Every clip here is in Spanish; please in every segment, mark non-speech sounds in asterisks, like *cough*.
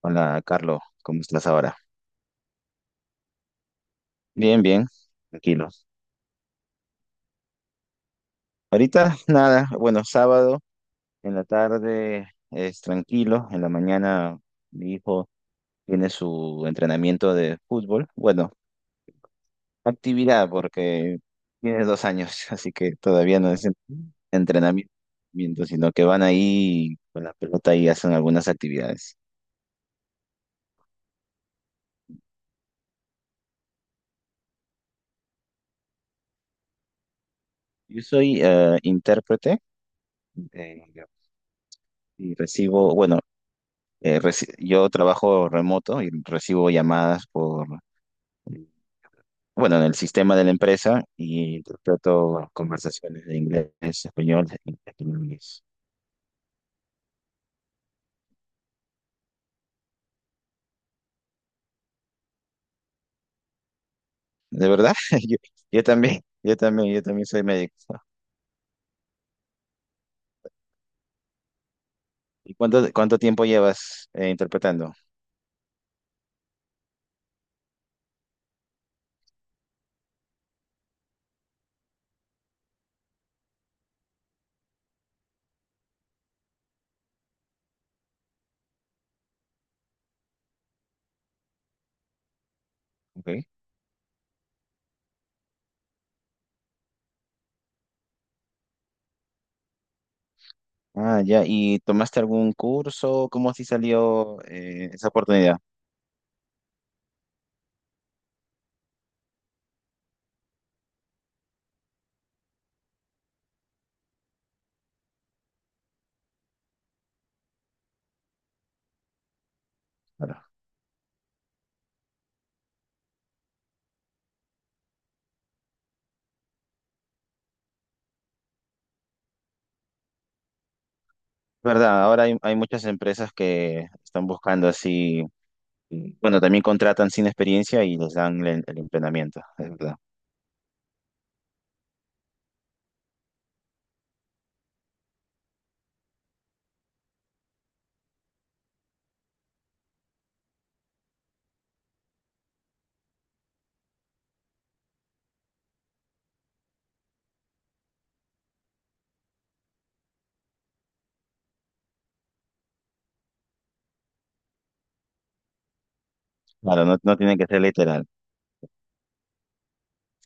Hola, Carlos, ¿cómo estás ahora? Bien, bien, tranquilo. Ahorita nada, bueno, sábado en la tarde es tranquilo, en la mañana mi hijo tiene su entrenamiento de fútbol, bueno, actividad porque tiene 2 años, *laughs* así que todavía no es entrenamiento, sino que van ahí con la pelota y hacen algunas actividades. Yo soy intérprete eh, y recibo, bueno, yo trabajo remoto y recibo llamadas por, bueno, en el sistema de la empresa y trato conversaciones de inglés, español y inglés. De verdad, *laughs* yo, yo también soy médico. ¿Y cuánto tiempo llevas interpretando? Ok. Ah, ya. ¿Y tomaste algún curso? ¿Cómo así salió esa oportunidad? Claro. Verdad, ahora hay muchas empresas que están buscando así. Y, bueno, también contratan sin experiencia y les dan el entrenamiento, es verdad. Claro, no, no tiene que ser literal.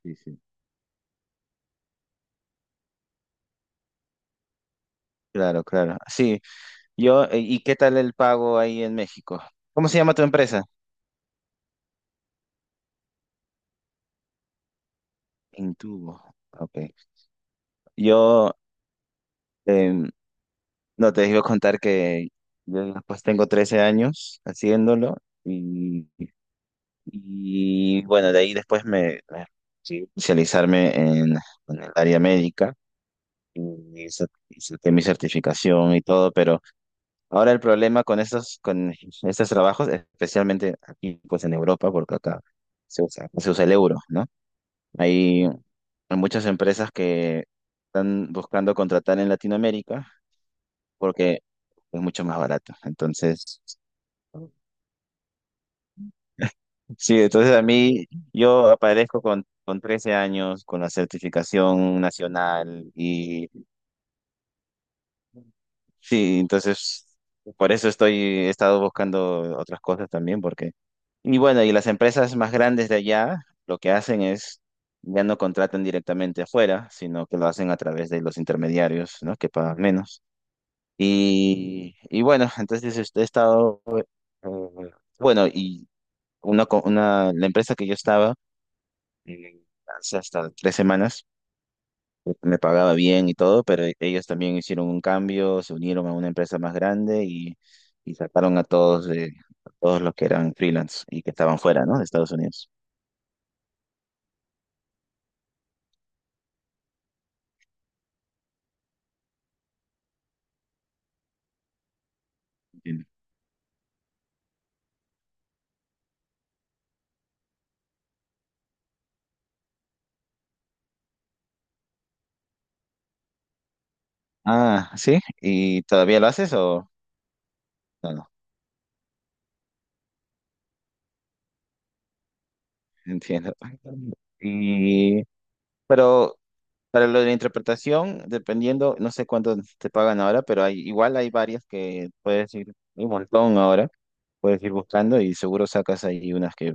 Sí, sí. Claro, claro. Sí, yo, ¿y qué tal el pago ahí en México? ¿Cómo se llama tu empresa? Intubo. Ok. Yo, em, no, te iba a contar que yo pues tengo 13 años haciéndolo y, y, bueno, de ahí después me sí, especializarme en el área médica y hice mi certificación y todo, pero... Ahora el problema con estos trabajos, especialmente aquí pues en Europa, porque acá se usa el euro, ¿no? Hay muchas empresas que están buscando contratar en Latinoamérica porque es mucho más barato. Entonces, sí, entonces a mí yo aparezco con 13 años, con la certificación nacional y sí, entonces por eso estoy, he estado buscando otras cosas también, porque, y bueno, y las empresas más grandes de allá lo que hacen es, ya no contratan directamente afuera, sino que lo hacen a través de los intermediarios, ¿no? Que pagan menos. Y bueno, entonces este, he estado, bueno, y la empresa que yo estaba, eh, hace hasta 3 semanas, me pagaba bien y todo, pero ellos también hicieron un cambio, se unieron a una empresa más grande y, sacaron a todos, a todos los que eran freelance y que estaban fuera, ¿no? De Estados Unidos. Entiendo. Ah, sí, ¿y todavía lo haces o no? No, *laughs* entiendo. Y, pero para lo de la interpretación, dependiendo, no sé cuánto te pagan ahora, pero hay, igual hay varias que puedes ir, hay un montón ahora, puedes ir buscando y seguro sacas ahí unas que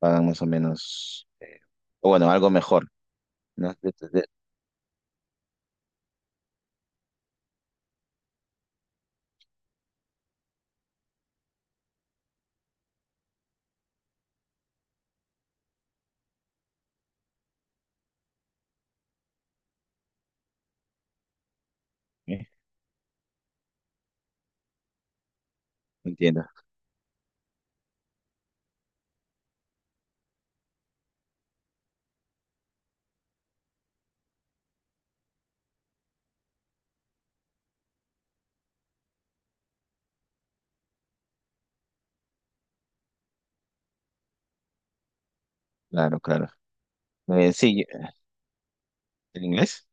pagan más o menos, o bueno, algo mejor, ¿no? ¿Eh? Entiendo, claro, claro. Sí, ¿el inglés?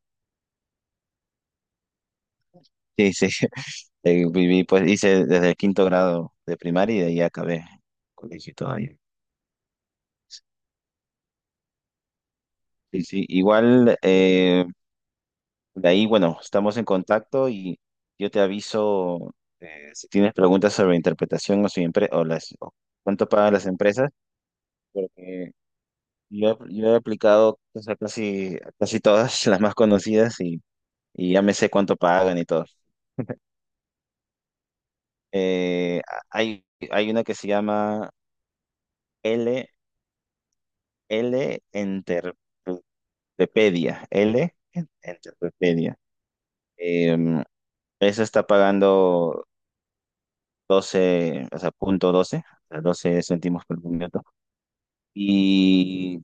Sí, sí, *laughs* viví, pues hice desde el quinto grado de primaria y de ahí acabé colegio todavía. Sí, sí, igual, de ahí, bueno, estamos en contacto y yo te aviso si tienes preguntas sobre interpretación o, si empre- o, las, o cuánto pagan las empresas, porque yo he aplicado o sea, casi, casi todas *laughs* las más conocidas y, ya me sé cuánto pagan y todo. Eh, hay, hay una que se llama L, L Enterpedia, L Enterpedia. Em, esa está pagando 12 o sea, 0,12 o sea, 12 céntimos por minuto. Y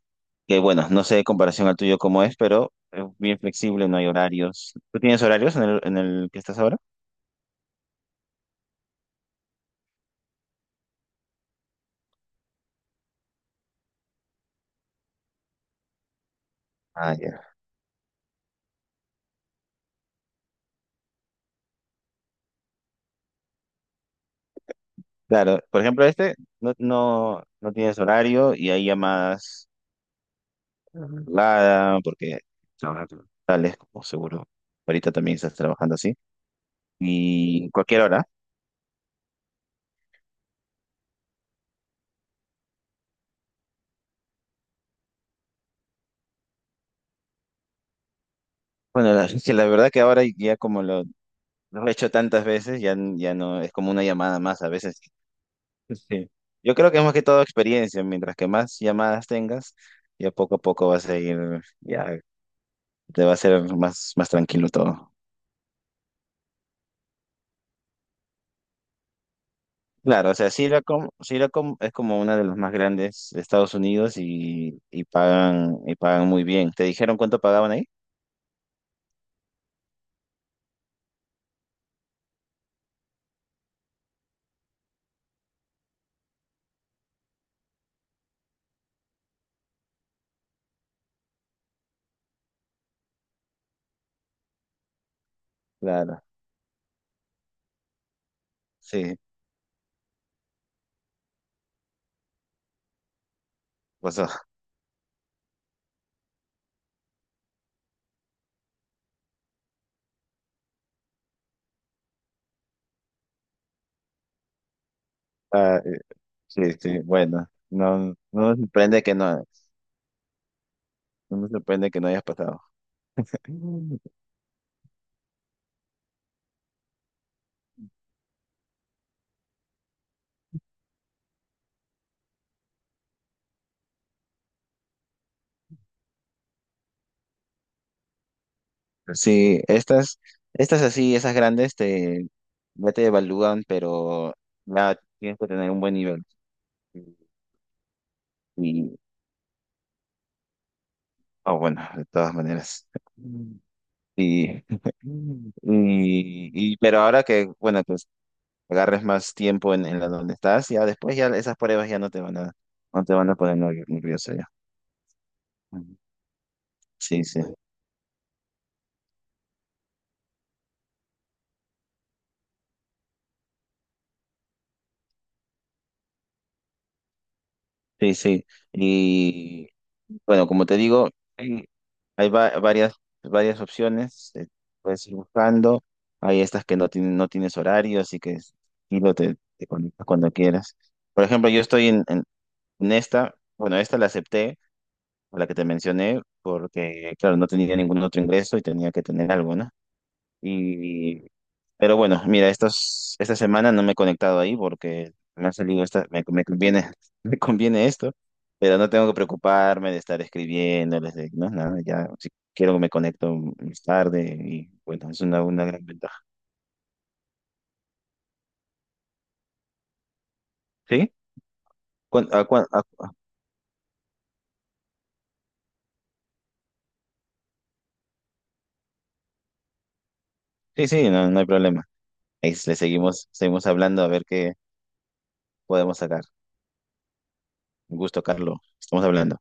que bueno, no sé de comparación al tuyo cómo es, pero es bien flexible, no hay horarios. ¿Tú tienes horarios en el que estás ahora? Ah, ya. Claro, por ejemplo, este no, no, no tienes horario y hay llamadas reguladas porque trabajas tales como seguro. Ahorita también estás trabajando así. Y cualquier hora. Bueno, la, *laughs* que la verdad que ahora ya como lo no lo he hecho tantas veces, ya, ya no, es como una llamada más a veces. *laughs* Sí. Yo creo que es más que todo experiencia, mientras que más llamadas tengas, ya poco a poco vas a ir, ya te va a ser más tranquilo todo. Claro, o sea, Syracom, Syracom es como una de las más grandes de Estados Unidos y, y pagan muy bien. ¿Te dijeron cuánto pagaban ahí? Claro, sí, pues, ah, sí, sí, bueno, no, no me sorprende que no, no me sorprende que no hayas pasado. *laughs* Sí, estas así, esas grandes te, ya te evalúan, pero ya tienes que tener un buen nivel. Y, oh, bueno, de todas maneras. Y, *laughs* pero ahora que, bueno, pues agarres más tiempo en la donde estás, ya después ya esas pruebas ya no te van a, no te van a poner nervioso ya. Ujú. Sí, sí, sí, sí. Bueno, como te digo, hay, hay varias opciones, puedes ir buscando. Hay estas que no tienen, no tienes horario, así que y lo te conectas cuando quieras. Por ejemplo, yo estoy en, esta, bueno, esta la acepté, la que te mencioné, porque, claro, no tenía ningún otro ingreso y tenía que tener algo, ¿no? Y, pero bueno, mira, estos, esta semana no me he conectado ahí porque me ha salido esta, me conviene, *laughs* me conviene esto, pero no tengo que preocuparme de estar escribiéndoles, de, no, nada, ya, si quiero me conecto más tarde y bueno, es una gran ventaja. ¿Sí? ¿Cuán- a cuán- a- a- sí, sí, no, no hay problema. Ahí le seguimos hablando a ver qué podemos sacar. Un gusto, Carlos. Estamos hablando.